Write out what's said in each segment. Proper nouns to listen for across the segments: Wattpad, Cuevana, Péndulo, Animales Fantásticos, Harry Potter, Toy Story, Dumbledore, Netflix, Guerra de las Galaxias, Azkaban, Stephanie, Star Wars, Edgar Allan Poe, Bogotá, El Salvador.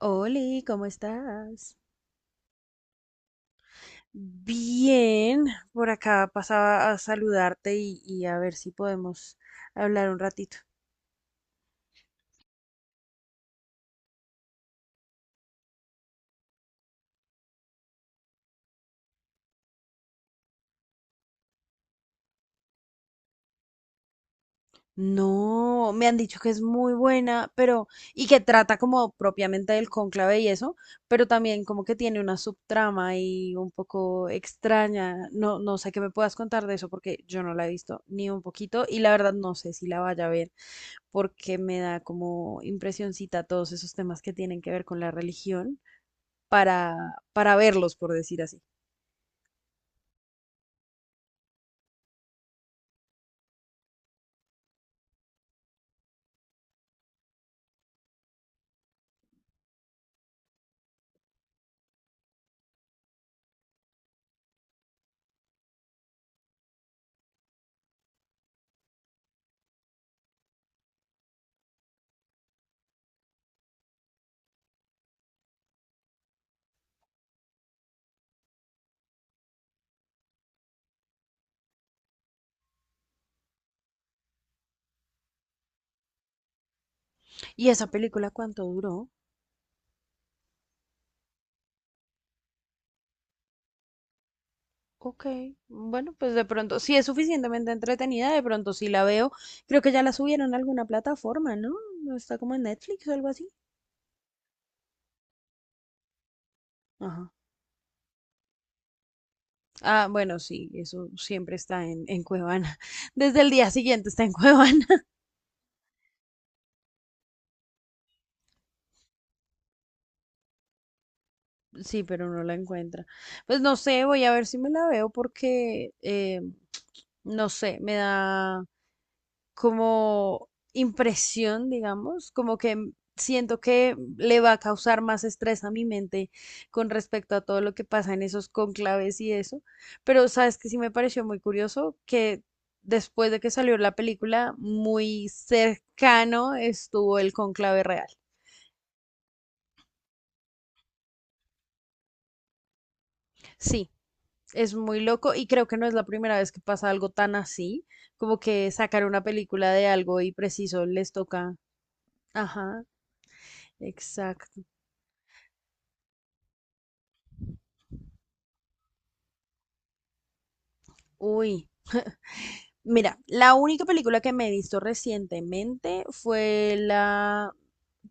Oli, ¿cómo estás? Bien, por acá pasaba a saludarte y a ver si podemos hablar un ratito. No, me han dicho que es muy buena, pero y que trata como propiamente del cónclave y eso, pero también como que tiene una subtrama y un poco extraña. No, no sé qué me puedas contar de eso porque yo no la he visto ni un poquito y la verdad no sé si la vaya a ver porque me da como impresioncita todos esos temas que tienen que ver con la religión. Para verlos, por decir así. ¿Y esa película cuánto duró? Ok, bueno, pues de pronto, si es suficientemente entretenida, de pronto sí la veo. Creo que ya la subieron a alguna plataforma, ¿no? ¿No está como en Netflix o algo así? Ajá. Ah, bueno, sí, eso siempre está en Cuevana. Desde el día siguiente está en Cuevana. Sí, pero no la encuentra. Pues no sé, voy a ver si me la veo porque, no sé, me da, como impresión, digamos, como que siento que le va a causar más estrés a mi mente con respecto a todo lo que pasa en esos conclaves y eso. Pero sabes que sí me pareció muy curioso que después de que salió la película, muy cercano estuvo el conclave real. Sí. Es muy loco y creo que no es la primera vez que pasa algo tan así, como que sacar una película de algo y preciso les toca. Ajá, exacto. Uy, mira, la única película que me he visto recientemente fue la,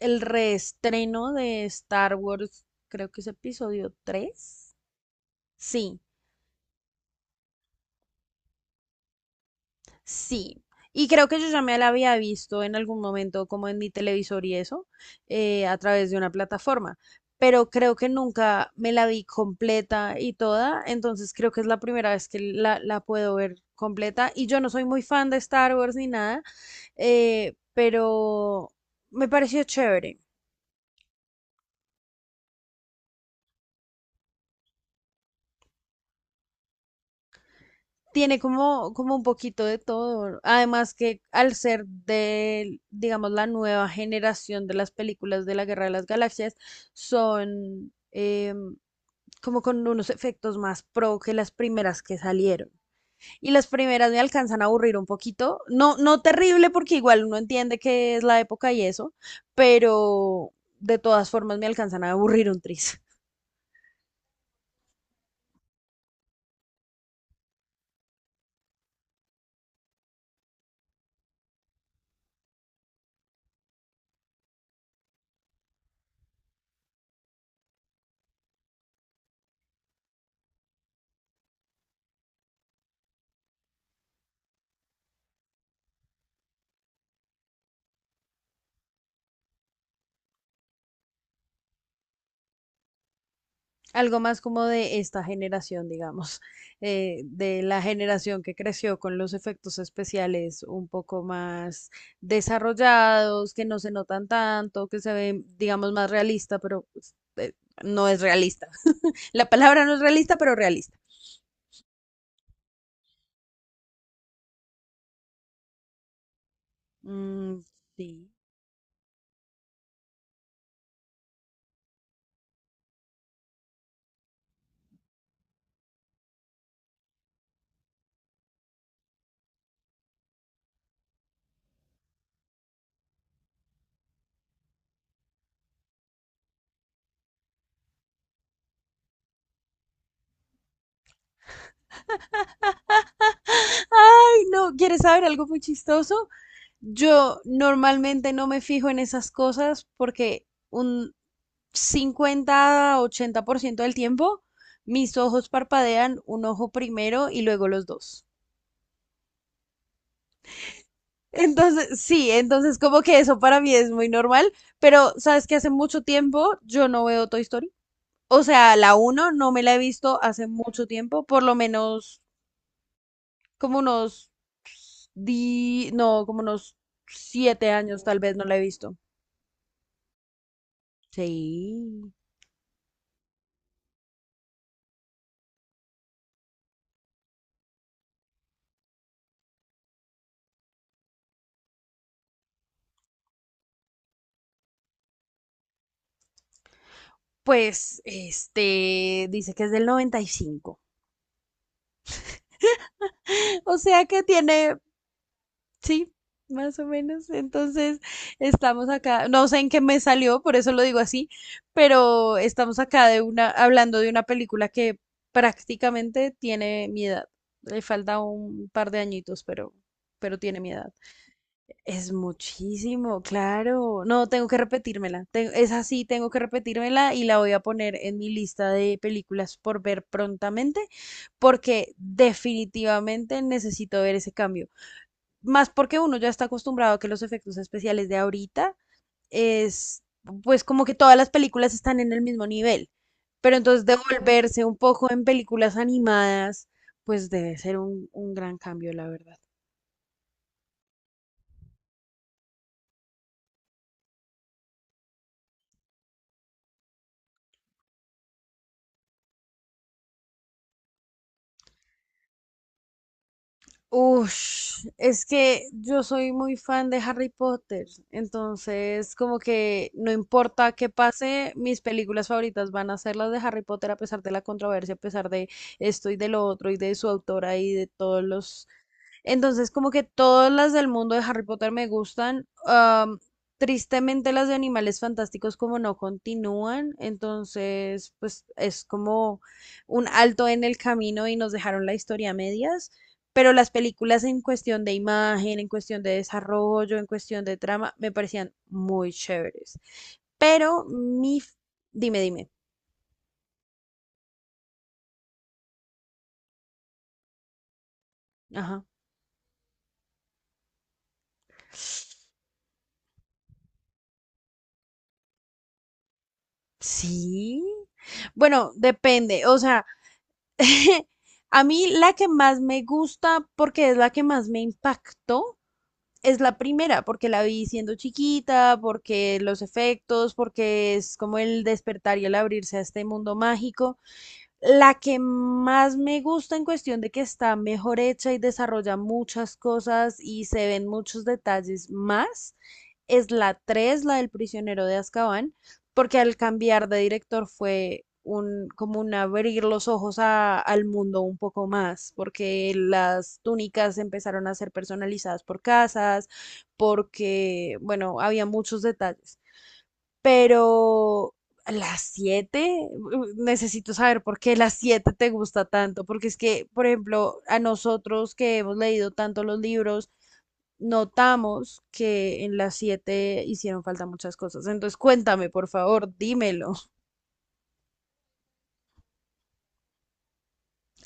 el reestreno de Star Wars, creo que es episodio tres. Sí. Sí, y creo que yo ya me la había visto en algún momento como en mi televisor y eso, a través de una plataforma, pero creo que nunca me la vi completa y toda, entonces creo que es la primera vez que la puedo ver completa y yo no soy muy fan de Star Wars ni nada, pero me pareció chévere. Tiene como, como un poquito de todo, ¿no? Además que al ser de, digamos, la nueva generación de las películas de la Guerra de las Galaxias, son como con unos efectos más pro que las primeras que salieron. Y las primeras me alcanzan a aburrir un poquito. No, no terrible porque igual uno entiende que es la época y eso, pero de todas formas me alcanzan a aburrir un tris. Algo más como de esta generación, digamos, de la generación que creció con los efectos especiales un poco más desarrollados, que no se notan tanto, que se ven, digamos, más realista, pero pues, no es realista. La palabra no es realista, pero realista. Mm, sí. Ay, no, ¿quieres saber algo muy chistoso? Yo normalmente no me fijo en esas cosas porque 50 a 80% del tiempo, mis ojos parpadean un ojo primero y luego los dos. Entonces, sí, entonces como que eso para mí es muy normal, pero sabes que hace mucho tiempo yo no veo Toy Story. O sea, la uno no me la he visto hace mucho tiempo, por lo menos como unos como unos 7 años tal vez no la he visto. Sí. Pues, dice que es del noventa y cinco. O sea que tiene, sí, más o menos. Entonces, estamos acá, no sé en qué me salió, por eso lo digo así, pero estamos acá de una, hablando de una película que prácticamente tiene mi edad. Le falta un par de añitos, pero tiene mi edad. Es muchísimo, claro. No, tengo que repetírmela. Es así, tengo que repetírmela y la voy a poner en mi lista de películas por ver prontamente, porque definitivamente necesito ver ese cambio. Más porque uno ya está acostumbrado a que los efectos especiales de ahorita es, pues como que todas las películas están en el mismo nivel. Pero entonces devolverse un poco en películas animadas, pues debe ser un gran cambio, la verdad. Ush, es que yo soy muy fan de Harry Potter, entonces como que no importa qué pase, mis películas favoritas van a ser las de Harry Potter a pesar de la controversia, a pesar de esto y de lo otro y de su autora y de todos los... Entonces como que todas las del mundo de Harry Potter me gustan. Tristemente las de Animales Fantásticos como no continúan, entonces pues es como un alto en el camino y nos dejaron la historia a medias. Pero las películas en cuestión de imagen, en cuestión de desarrollo, en cuestión de trama, me parecían muy chéveres. Pero mi... f- Dime, dime. Ajá. Sí. Bueno, depende. O sea, a mí la que más me gusta, porque es la que más me impactó, es la primera, porque la vi siendo chiquita, porque los efectos, porque es como el despertar y el abrirse a este mundo mágico. La que más me gusta en cuestión de que está mejor hecha y desarrolla muchas cosas y se ven muchos detalles más es la 3, la del prisionero de Azkaban, porque al cambiar de director fue un, como un abrir los ojos al mundo un poco más, porque las túnicas empezaron a ser personalizadas por casas, porque, bueno, había muchos detalles, pero a las siete, necesito saber por qué las siete te gusta tanto, porque es que, por ejemplo, a nosotros que hemos leído tanto los libros, notamos que en las siete hicieron falta muchas cosas. Entonces, cuéntame, por favor, dímelo.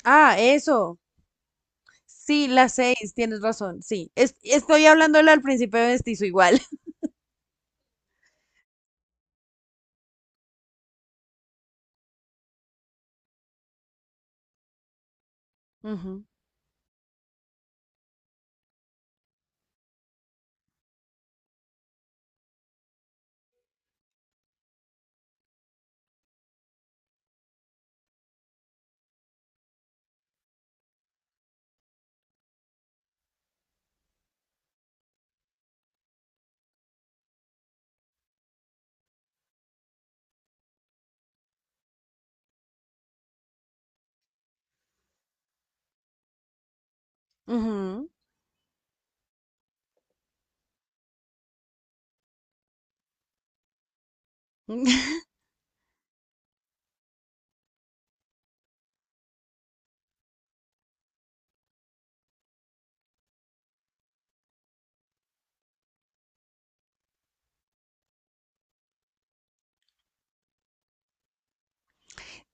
Ah, eso. Sí, las seis, tienes razón, sí. Estoy hablando al principio de mestizo igual. Ujú, ujú.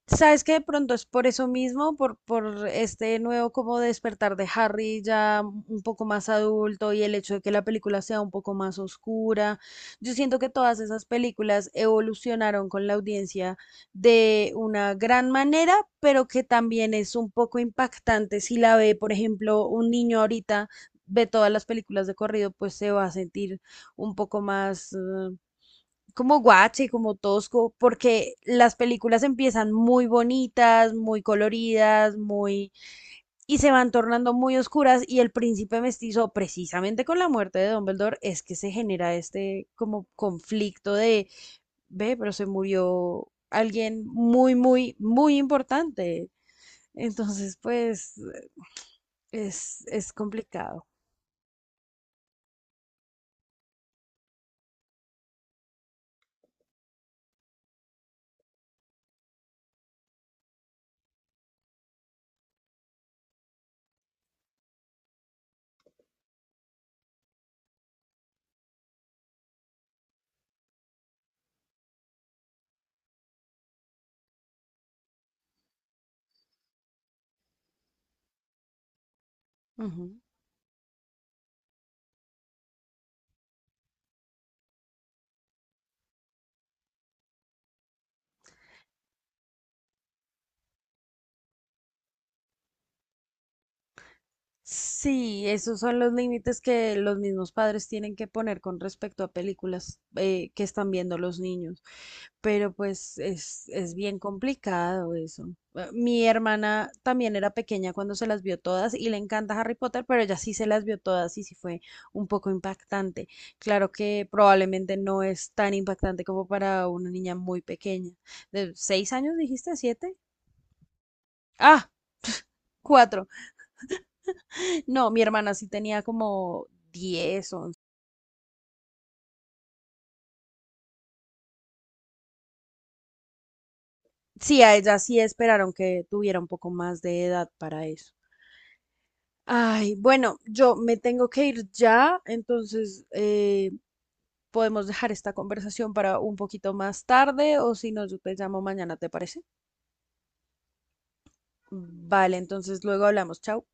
Sabes que de pronto es por eso mismo, por este nuevo como despertar de Harry ya un poco más adulto y el hecho de que la película sea un poco más oscura. Yo siento que todas esas películas evolucionaron con la audiencia de una gran manera, pero que también es un poco impactante si la ve, por ejemplo, un niño ahorita. Ve todas las películas de corrido, pues se va a sentir un poco más, como guache, como tosco, porque las películas empiezan muy bonitas, muy coloridas, muy, y se van tornando muy oscuras y el príncipe mestizo precisamente con la muerte de Dumbledore es que se genera este como conflicto de ve, pero se murió alguien muy muy muy importante. Entonces, pues es complicado. Ujú. Sí, esos son los límites que los mismos padres tienen que poner con respecto a películas que están viendo los niños, pero pues es bien complicado eso. Mi hermana también era pequeña cuando se las vio todas y le encanta Harry Potter, pero ella sí se las vio todas y sí fue un poco impactante. Claro que probablemente no es tan impactante como para una niña muy pequeña. ¿De 6 años dijiste? ¿Siete? Ah, cuatro. No, mi hermana sí tenía como 10, 11. Sí, a ella sí esperaron que tuviera un poco más de edad para eso. Ay, bueno, yo me tengo que ir ya, entonces podemos dejar esta conversación para un poquito más tarde o si no, yo te llamo mañana, ¿te parece? Vale, entonces luego hablamos. Chao.